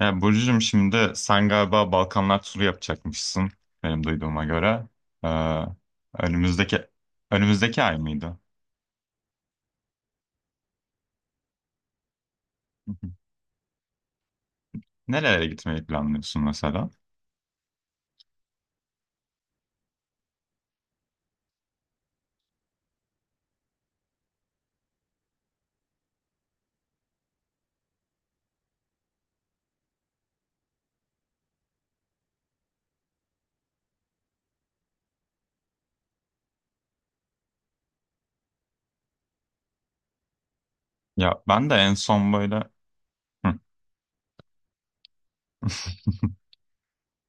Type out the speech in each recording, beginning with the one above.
Ya Burcu'cum, şimdi sen galiba Balkanlar turu yapacakmışsın benim duyduğuma göre. Ee, önümüzdeki önümüzdeki ay mıydı? Hı hı. Nerelere gitmeyi planlıyorsun mesela? Ya ben de en son böyle. Hı.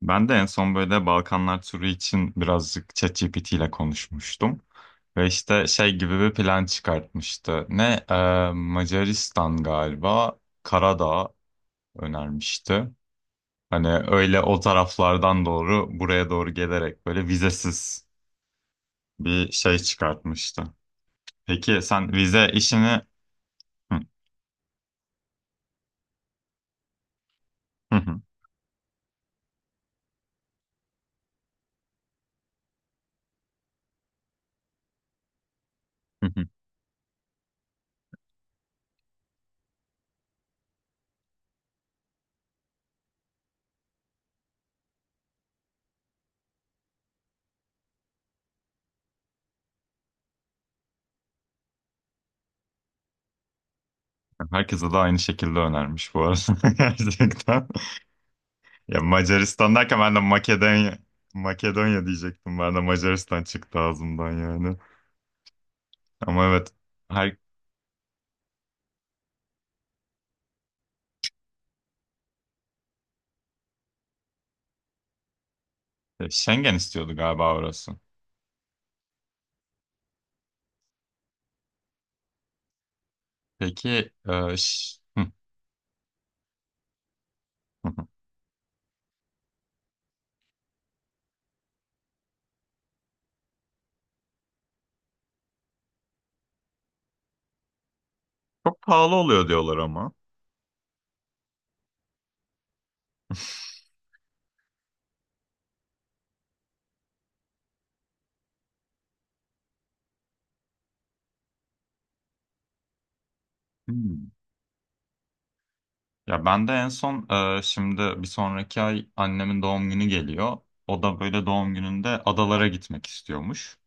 Ben de en son böyle Balkanlar turu için birazcık ChatGPT ile konuşmuştum. Ve işte şey gibi bir plan çıkartmıştı. Ne? Macaristan, galiba Karadağ önermişti. Hani öyle o taraflardan doğru buraya doğru gelerek böyle vizesiz bir şey çıkartmıştı. Peki sen vize işini, hı, hı, hı, hı, hı, herkese de aynı şekilde önermiş bu arada gerçekten. Ya Macaristan derken ben de Makedonya, Makedonya diyecektim. Ben de Macaristan çıktı ağzımdan yani. Ama evet, her Schengen istiyordu galiba orası. Peki hı, hı, çok pahalı oluyor diyorlar ama. Hı. Ya ben de en son, şimdi bir sonraki ay annemin doğum günü geliyor. O da böyle doğum gününde adalara gitmek istiyormuş.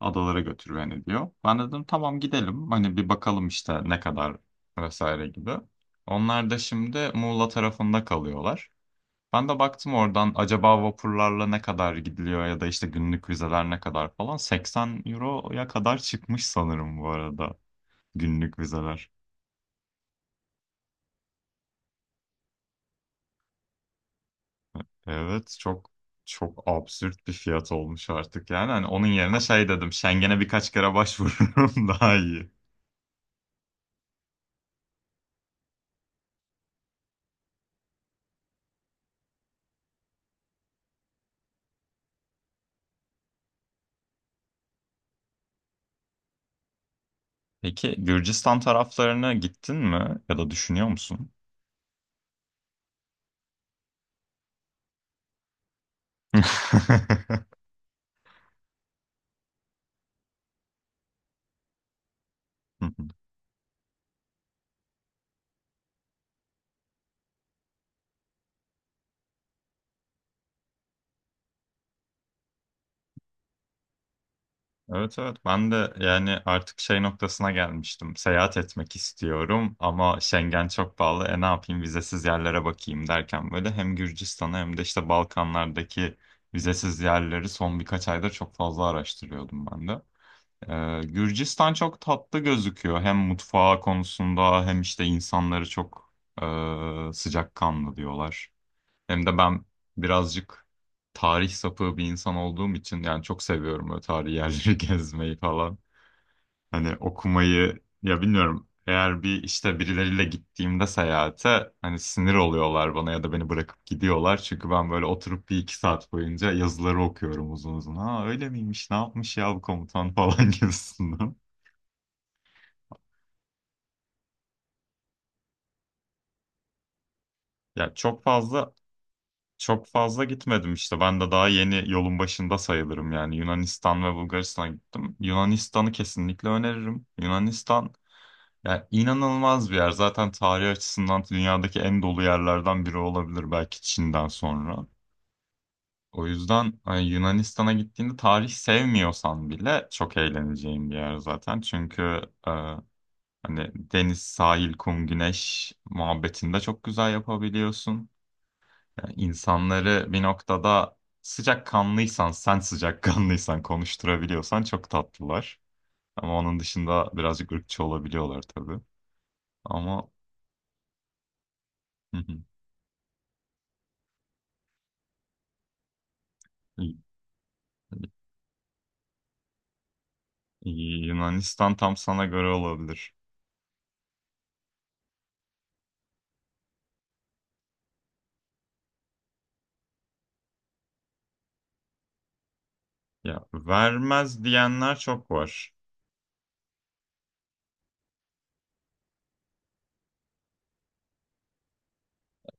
Adalara götür beni diyor. Ben dedim tamam, gidelim. Hani bir bakalım işte ne kadar vesaire gibi. Onlar da şimdi Muğla tarafında kalıyorlar. Ben de baktım oradan acaba vapurlarla ne kadar gidiliyor ya da işte günlük vizeler ne kadar falan. 80 euroya kadar çıkmış sanırım bu arada günlük vizeler. Evet, çok absürt bir fiyat olmuş artık yani. Hani onun yerine şey dedim, Schengen'e birkaç kere başvururum daha iyi. Peki Gürcistan taraflarına gittin mi ya da düşünüyor musun? Evet evet, ben de yani artık şey noktasına gelmiştim. Seyahat etmek istiyorum ama Schengen çok pahalı. E ne yapayım, vizesiz yerlere bakayım derken böyle hem Gürcistan'a hem de işte Balkanlardaki vizesiz yerleri son birkaç ayda çok fazla araştırıyordum ben de. Gürcistan çok tatlı gözüküyor. Hem mutfağı konusunda hem işte insanları çok sıcakkanlı diyorlar. Hem de ben birazcık tarih sapığı bir insan olduğum için yani çok seviyorum böyle tarihi yerleri gezmeyi falan. Hani okumayı ya, bilmiyorum. Eğer bir işte birileriyle gittiğimde seyahate hani sinir oluyorlar bana ya da beni bırakıp gidiyorlar. Çünkü ben böyle oturup bir iki saat boyunca yazıları okuyorum uzun uzun. Ha öyle miymiş, ne yapmış ya bu komutan falan gibisinden. Ya çok fazla gitmedim işte. Ben de daha yeni yolun başında sayılırım yani. Yunanistan ve Bulgaristan'a gittim. Yunanistan'ı kesinlikle öneririm. Yunanistan ya, inanılmaz bir yer. Zaten tarih açısından dünyadaki en dolu yerlerden biri olabilir belki, Çin'den sonra. O yüzden hani Yunanistan'a gittiğinde tarih sevmiyorsan bile çok eğleneceğin bir yer zaten. Çünkü e, hani deniz, sahil, kum, güneş muhabbetini de çok güzel yapabiliyorsun. Yani insanları bir noktada sıcakkanlıysan, sen sıcakkanlıysan konuşturabiliyorsan çok tatlılar. Ama onun dışında birazcık ırkçı olabiliyorlar tabii. Ama hı hı. Y- Yunanistan tam sana göre olabilir. Ya vermez diyenler çok var.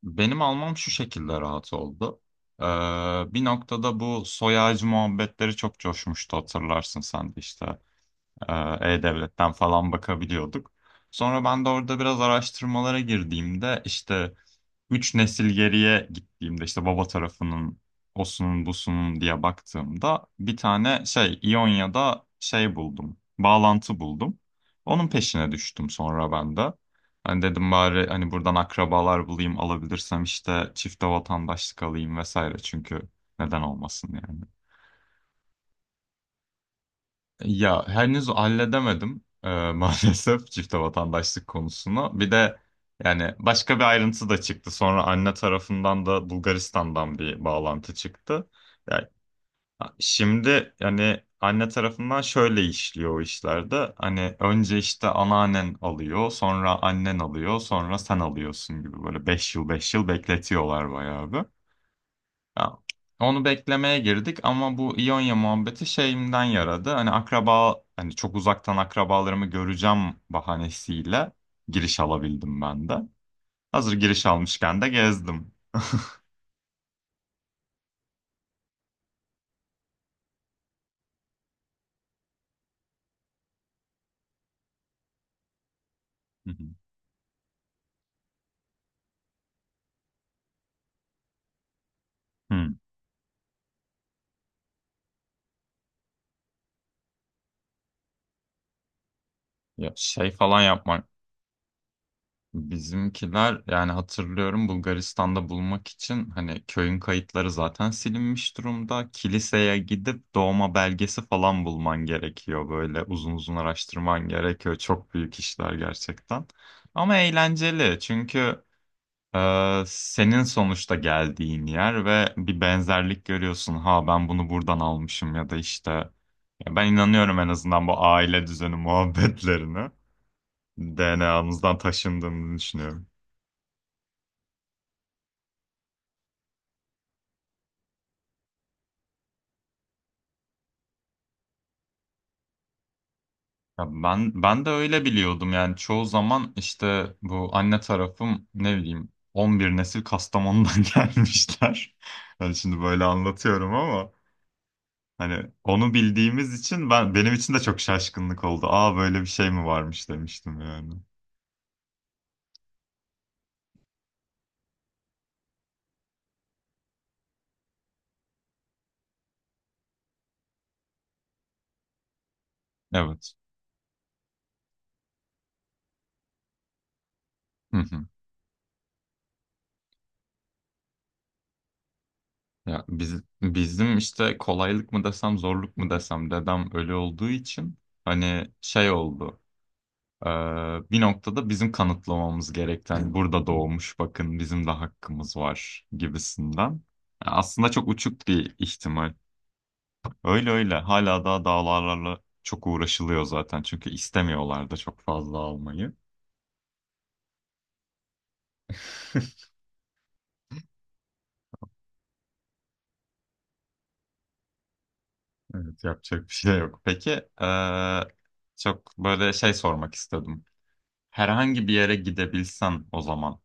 Benim almam şu şekilde rahat oldu. Ee, bir noktada bu soy ağacı muhabbetleri çok coşmuştu, hatırlarsın sen de işte. E-Devlet'ten falan bakabiliyorduk. Sonra ben de orada biraz araştırmalara girdiğimde işte üç nesil geriye gittiğimde işte baba tarafının osunun busunun diye baktığımda bir tane şey İonya'da şey buldum. Bağlantı buldum. Onun peşine düştüm sonra ben de. Hani dedim bari hani buradan akrabalar bulayım, alabilirsem işte çifte vatandaşlık alayım vesaire, çünkü neden olmasın yani. Ya henüz halledemedim maalesef çifte vatandaşlık konusunu. Bir de yani başka bir ayrıntı da çıktı. Sonra anne tarafından da Bulgaristan'dan bir bağlantı çıktı. Yani şimdi anne tarafından şöyle işliyor o işlerde. Hani önce işte anneannen alıyor, sonra annen alıyor, sonra sen alıyorsun gibi, böyle beş yıl 5 yıl bekletiyorlar bayağı bir. Ya, onu beklemeye girdik ama bu İonya muhabbeti şeyimden yaradı. Hani akraba, hani çok uzaktan akrabalarımı göreceğim bahanesiyle giriş alabildim ben de. Hazır giriş almışken de gezdim. Hı hı. Hı. Ya şey falan yapmak, bizimkiler yani hatırlıyorum Bulgaristan'da bulmak için hani köyün kayıtları zaten silinmiş durumda. Kiliseye gidip doğma belgesi falan bulman gerekiyor. Böyle uzun uzun araştırman gerekiyor. Çok büyük işler gerçekten. Ama eğlenceli çünkü senin sonuçta geldiğin yer ve bir benzerlik görüyorsun. Ha, ben bunu buradan almışım ya da işte, ya ben inanıyorum en azından bu aile düzeni muhabbetlerine. DNA'mızdan taşındığını düşünüyorum. Ya ben de öyle biliyordum yani çoğu zaman işte bu anne tarafım, ne bileyim, 11 nesil Kastamonu'dan gelmişler. Yani şimdi böyle anlatıyorum ama hani onu bildiğimiz için ben, benim için de çok şaşkınlık oldu. Aa, böyle bir şey mi varmış, demiştim yani. Evet. Hı hı. Ya biz, bizim işte kolaylık mı desem zorluk mu desem, dedem ölü olduğu için hani şey oldu. Ee, bir noktada bizim kanıtlamamız gereken, hani burada doğmuş, bakın bizim de hakkımız var gibisinden. Yani aslında çok uçuk bir ihtimal. Öyle öyle, hala daha davalarla çok uğraşılıyor zaten çünkü istemiyorlar da çok fazla almayı. Evet, yapacak bir şey yok. Peki ee, çok böyle şey sormak istedim. Herhangi bir yere gidebilsen o zaman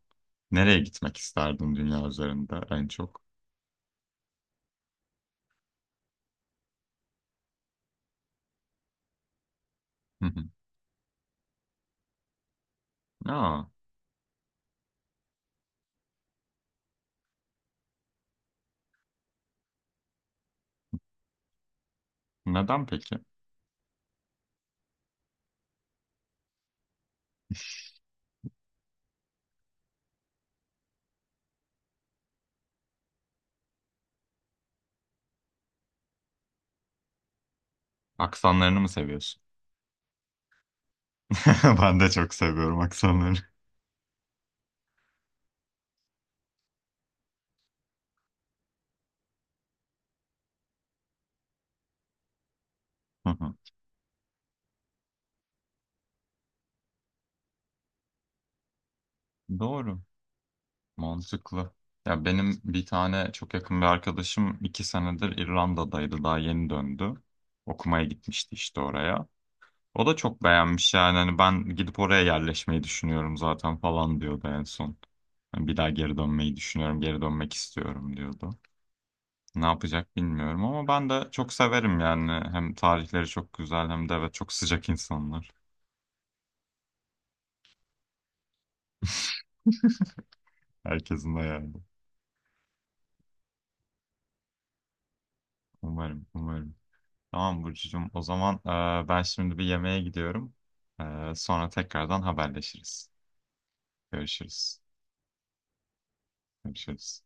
nereye gitmek isterdin dünya üzerinde en çok? Hı hı. Aa, neden peki? Aksanlarını mı seviyorsun? Ben de çok seviyorum aksanları. Hı hı. Doğru, mantıklı. Ya benim bir tane çok yakın bir arkadaşım iki senedir İrlanda'daydı, daha yeni döndü. Okumaya gitmişti işte oraya. O da çok beğenmiş yani, hani ben gidip oraya yerleşmeyi düşünüyorum zaten falan diyordu en son. Hani bir daha geri dönmeyi düşünüyorum, geri dönmek istiyorum diyordu. Ne yapacak bilmiyorum, ama ben de çok severim yani. Hem tarihleri çok güzel hem de evet çok sıcak insanlar. Herkesin de yani. Umarım, umarım. Tamam Burcucuğum. O zaman ben şimdi bir yemeğe gidiyorum. E, sonra tekrardan haberleşiriz. Görüşürüz. Görüşürüz.